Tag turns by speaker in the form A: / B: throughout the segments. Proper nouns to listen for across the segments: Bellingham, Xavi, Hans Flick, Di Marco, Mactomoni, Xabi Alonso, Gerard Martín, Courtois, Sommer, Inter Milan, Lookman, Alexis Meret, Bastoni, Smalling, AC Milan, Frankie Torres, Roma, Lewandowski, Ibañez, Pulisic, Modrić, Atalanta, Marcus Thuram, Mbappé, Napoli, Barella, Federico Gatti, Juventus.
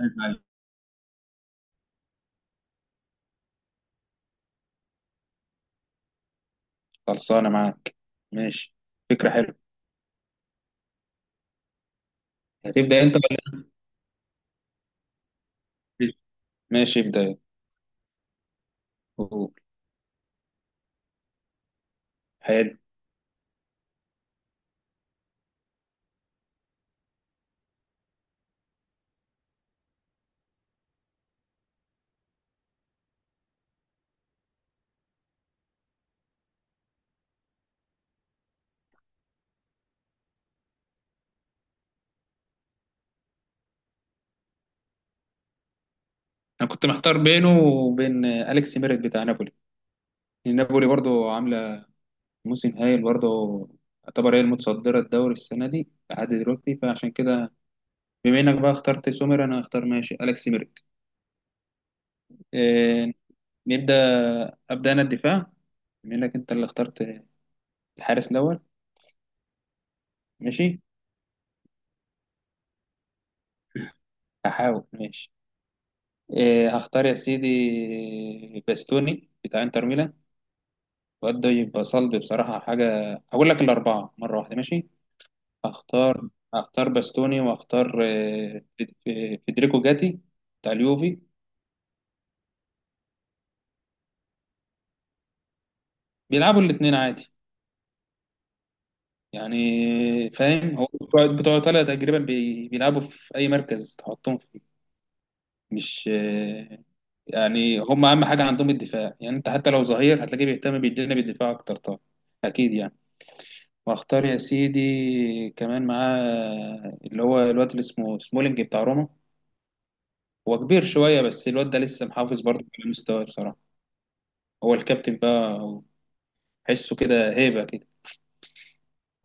A: عيب عليك. خلصانة معاك، ماشي، فكرة حلوة. هتبدأ أنت ولا أبتدي؟ ماشي، ابدأ يلا. قول. حلو. أنا كنت محتار بينه وبين أليكس ميريت بتاع نابولي، لأن نابولي برضو عاملة موسم هايل، برضو يعتبر هي المتصدرة الدوري السنة دي لحد دلوقتي. فعشان كده بما إنك بقى اخترت سومر، أنا هختار ماشي أليكس ميريت. إيه، نبدأ. أبدأ أنا الدفاع بما إنك أنت اللي اخترت الحارس الأول. ماشي، هحاول. ماشي. هختار يا سيدي باستوني بتاع انتر ميلان. الواد ده يبقى صلب بصراحة. حاجة هقول لك الأربعة مرة واحدة، ماشي. هختار باستوني وهختار فيدريكو جاتي بتاع اليوفي. بيلعبوا الاتنين عادي، يعني فاهم. هو بتوع إيطاليا تقريبا بيلعبوا في أي مركز تحطهم فيه. مش يعني هم أهم حاجة عندهم الدفاع. يعني أنت حتى لو ظهير هتلاقيه بيهتم بالجانب الدفاع أكتر طبعا. أكيد يعني. واختار يا سيدي كمان معاه اللي هو الواد اللي اسمه سمولينج بتاع روما. هو كبير شوية، بس الواد ده لسه محافظ برضه على مستواه بصراحة. هو الكابتن بقى، حسه كده هيبة كده.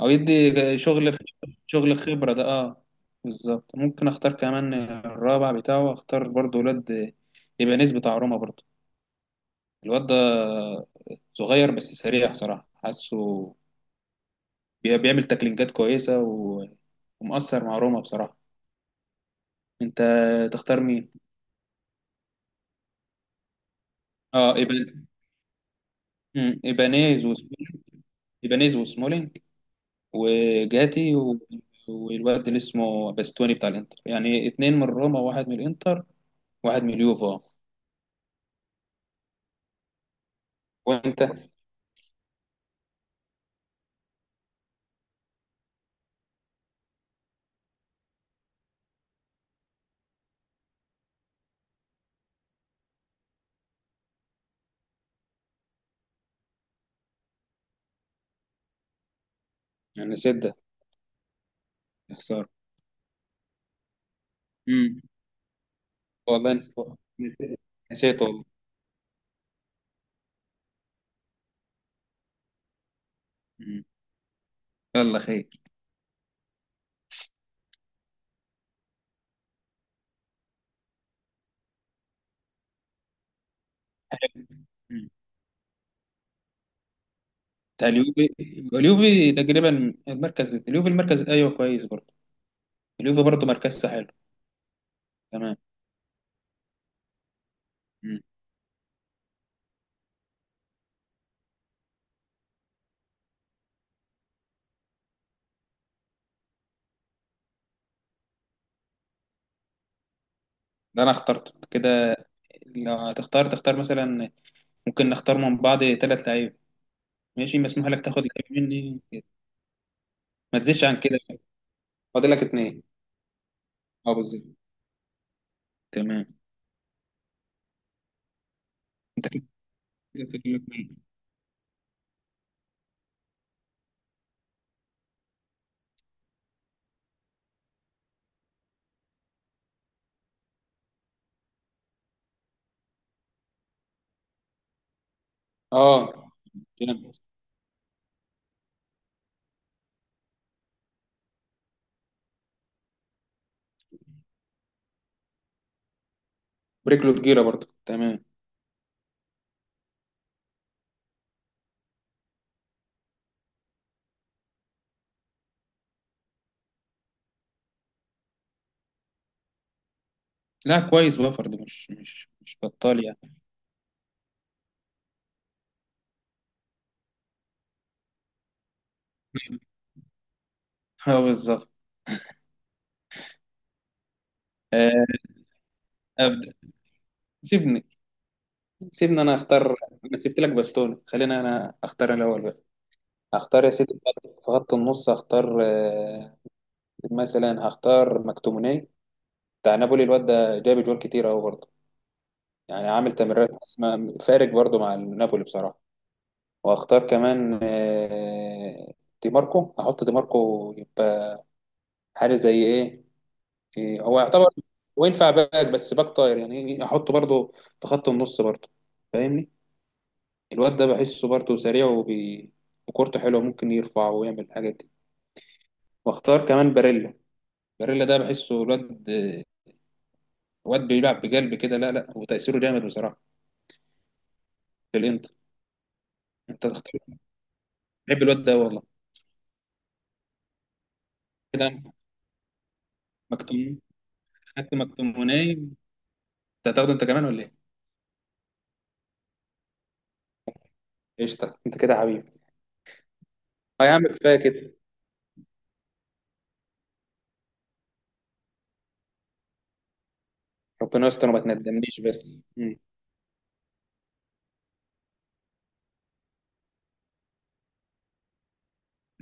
A: أو يدي شغل. شغل خبرة ده، اه. بالظبط. ممكن اختار كمان الرابع بتاعه، اختار برضه الواد ايبانيز بتاع روما برضه. الواد ده صغير، بس سريع بصراحة. حاسه بيعمل تاكلينجات كويسة ومؤثر مع روما بصراحة. انت تختار مين؟ اه، ايبانيز وسمولينج، ايبانيز وسمولينج، وجاتي والواد اللي اسمه باستوني بتاع الانتر، يعني اتنين من روما وواحد من الانتر وواحد من اليوفا. وانت؟ يعني نسيت ده، يا خسارة. مم. والله نسيت. نسيت والله. مم. يلا خير. مم. بتاع اليوفي. اليوفي تقريبا المركز، اليوفي المركز، ايوه كويس برضه. اليوفي برضه مركزه حلو. تمام. مم. ده انا اخترته كده. لو هتختار تختار مثلا، ممكن نختار من بعض ثلاث لعيبه. ماشي، مسموح لك تاخد لعيب مني، ما تزيدش عن كده. فاضل لك اتنين. اه، بالظبط. تمام. انت كده فاضل لك اتنين. اه، تمام. ورجله تجيره برضه، تمام. لا كويس، بافر ده مش بطال يعني. اه بالظبط. آه، ابدا. سيبني سيبني انا اختار. انا سبت لك باستوني، خلينا انا اختار الاول بقى. هختار يا سيدي في خط النص. هختار مثلا هختار مكتوموني بتاع نابولي. الواد ده جاب جوال كتير اهو برضه، يعني عامل تمريرات حاسمة فارق برضو مع نابولي بصراحة. واختار كمان دي ماركو. احط دي ماركو يبقى حارس زي ايه؟ إيه، هو يعتبر وينفع باك، بس باك طاير يعني، احطه برضو في خط النص برضو، فاهمني. الواد ده بحسه برضو سريع وكورته حلوة، ممكن يرفع ويعمل الحاجات دي. واختار كمان باريلا. باريلا ده بحسه، الواد بيلعب بقلب كده، لا لا، وتأثيره جامد بصراحة في الانتر. انت تختار. بحب الواد ده والله. كده مكتوم، خدت مكتوموناي. انت هتاخده انت كمان ولا ايه؟ قشطة. انت كده حبيبي. اه يا عم، كفايه كده. ربنا يستر وما تندمنيش بس. مم.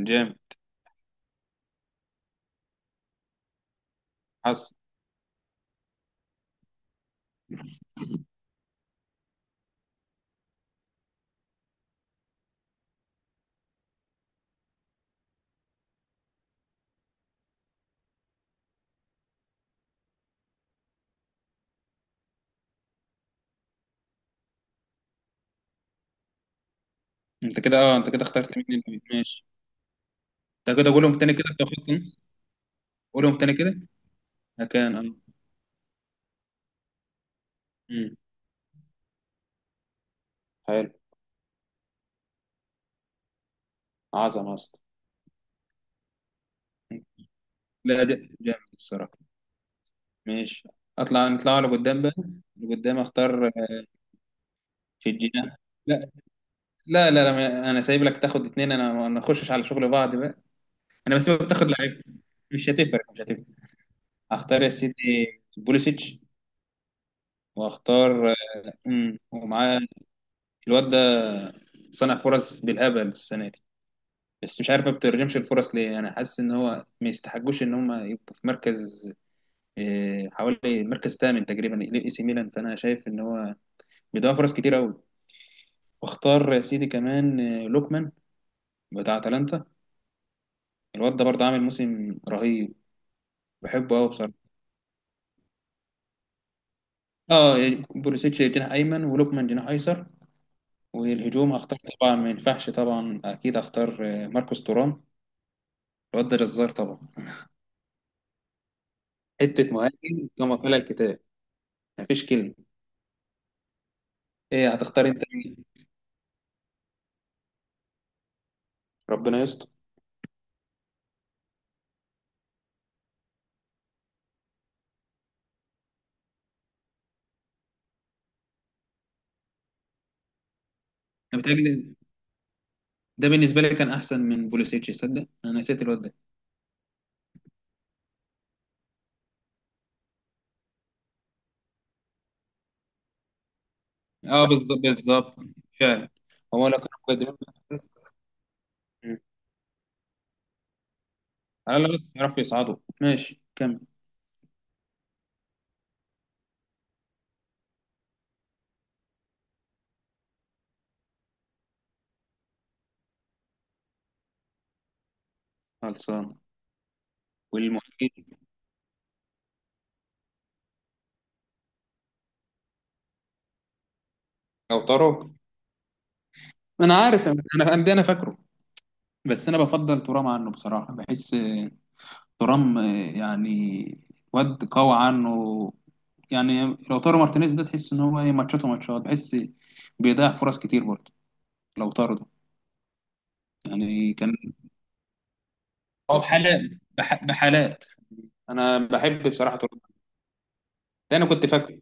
A: جامد. حصل. انت كده، اه، انت كده اخترت مين اللي ماشي؟ انت كده قولهم تاني كده، انت خدت. قولهم تاني كده. مكان، اه. مم. حلو. عظمة اصلا. لا ده جامد الصراحة. ماشي، نطلع لقدام بقى. لقدام. اختار في الجناح. لا لا لا، لا انا سايب لك تاخد اتنين، انا ما نخشش على شغل بعض بقى. انا بسيبك تاخد لعيبتي. مش هتفرق، مش هتفرق. هختار يا سيدي بوليسيتش. واختار ومعاه. الواد ده صنع فرص بالهبل السنه دي، بس مش عارف ما بترجمش الفرص ليه. انا حاسس ان هو ما يستحقوش ان هم يبقوا في مركز حوالي مركز ثامن تقريبا الاي سي ميلان. فانا شايف ان هو بيضيع فرص كتير قوي. واختار يا سيدي كمان لوكمان بتاع اتلانتا. الواد ده برضه عامل موسم رهيب، بحبه قوي بصراحه. اه، بوليسيتش جناح ايمن ولوكمان جناح ايسر. والهجوم هختار طبعا ما ينفعش طبعا اكيد هختار ماركوس تورام. الواد ده جزار طبعا، حته مهاجم كما قال الكتاب، مفيش كلمه. ايه هتختار انت مين؟ ربنا يستر. انا بتهيألي ده بالنسبه لي كان احسن من بوليسيتش، صدق انا نسيت الواد ده. اه بالظبط، بالظبط، فعلا. هو لو كانوا مقدمين بس- مم. على الاقل بس يعرفوا يصعدوا. ماشي، كمل. خلصان. والمهاجم. لو طاروا. انا عارف، انا ده انا فاكره، بس انا بفضل ترام عنه بصراحه. بحس ترام يعني واد قوي عنه. يعني لو طارو مارتينيز ده تحس ان هو ايه، ماتشاته ماتشات وماتشات، بحس بيضيع فرص كتير برضه لو طارو ده. يعني كان هو بحالات بحالات. انا بحب بصراحه ترام ده، انا كنت فاكره.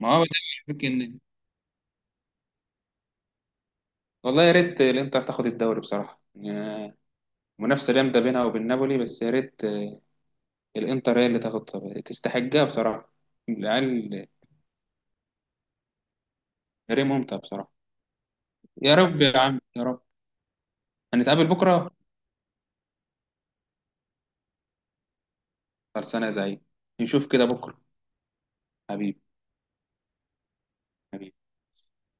A: ما هو ده يمكن. والله يا ريت الانتر تاخد الدوري بصراحه، يعني منافسه جامده بينها وبين نابولي. بس يا ريت الانتر هي اللي تاخد، تستحقها بصراحه العيال. فريق ممتع بصراحه. يا رب يا عم، يا رب. هنتقابل بكره. خلصانه يا زعيم، نشوف كده بكره. حبيبي. حبيبي.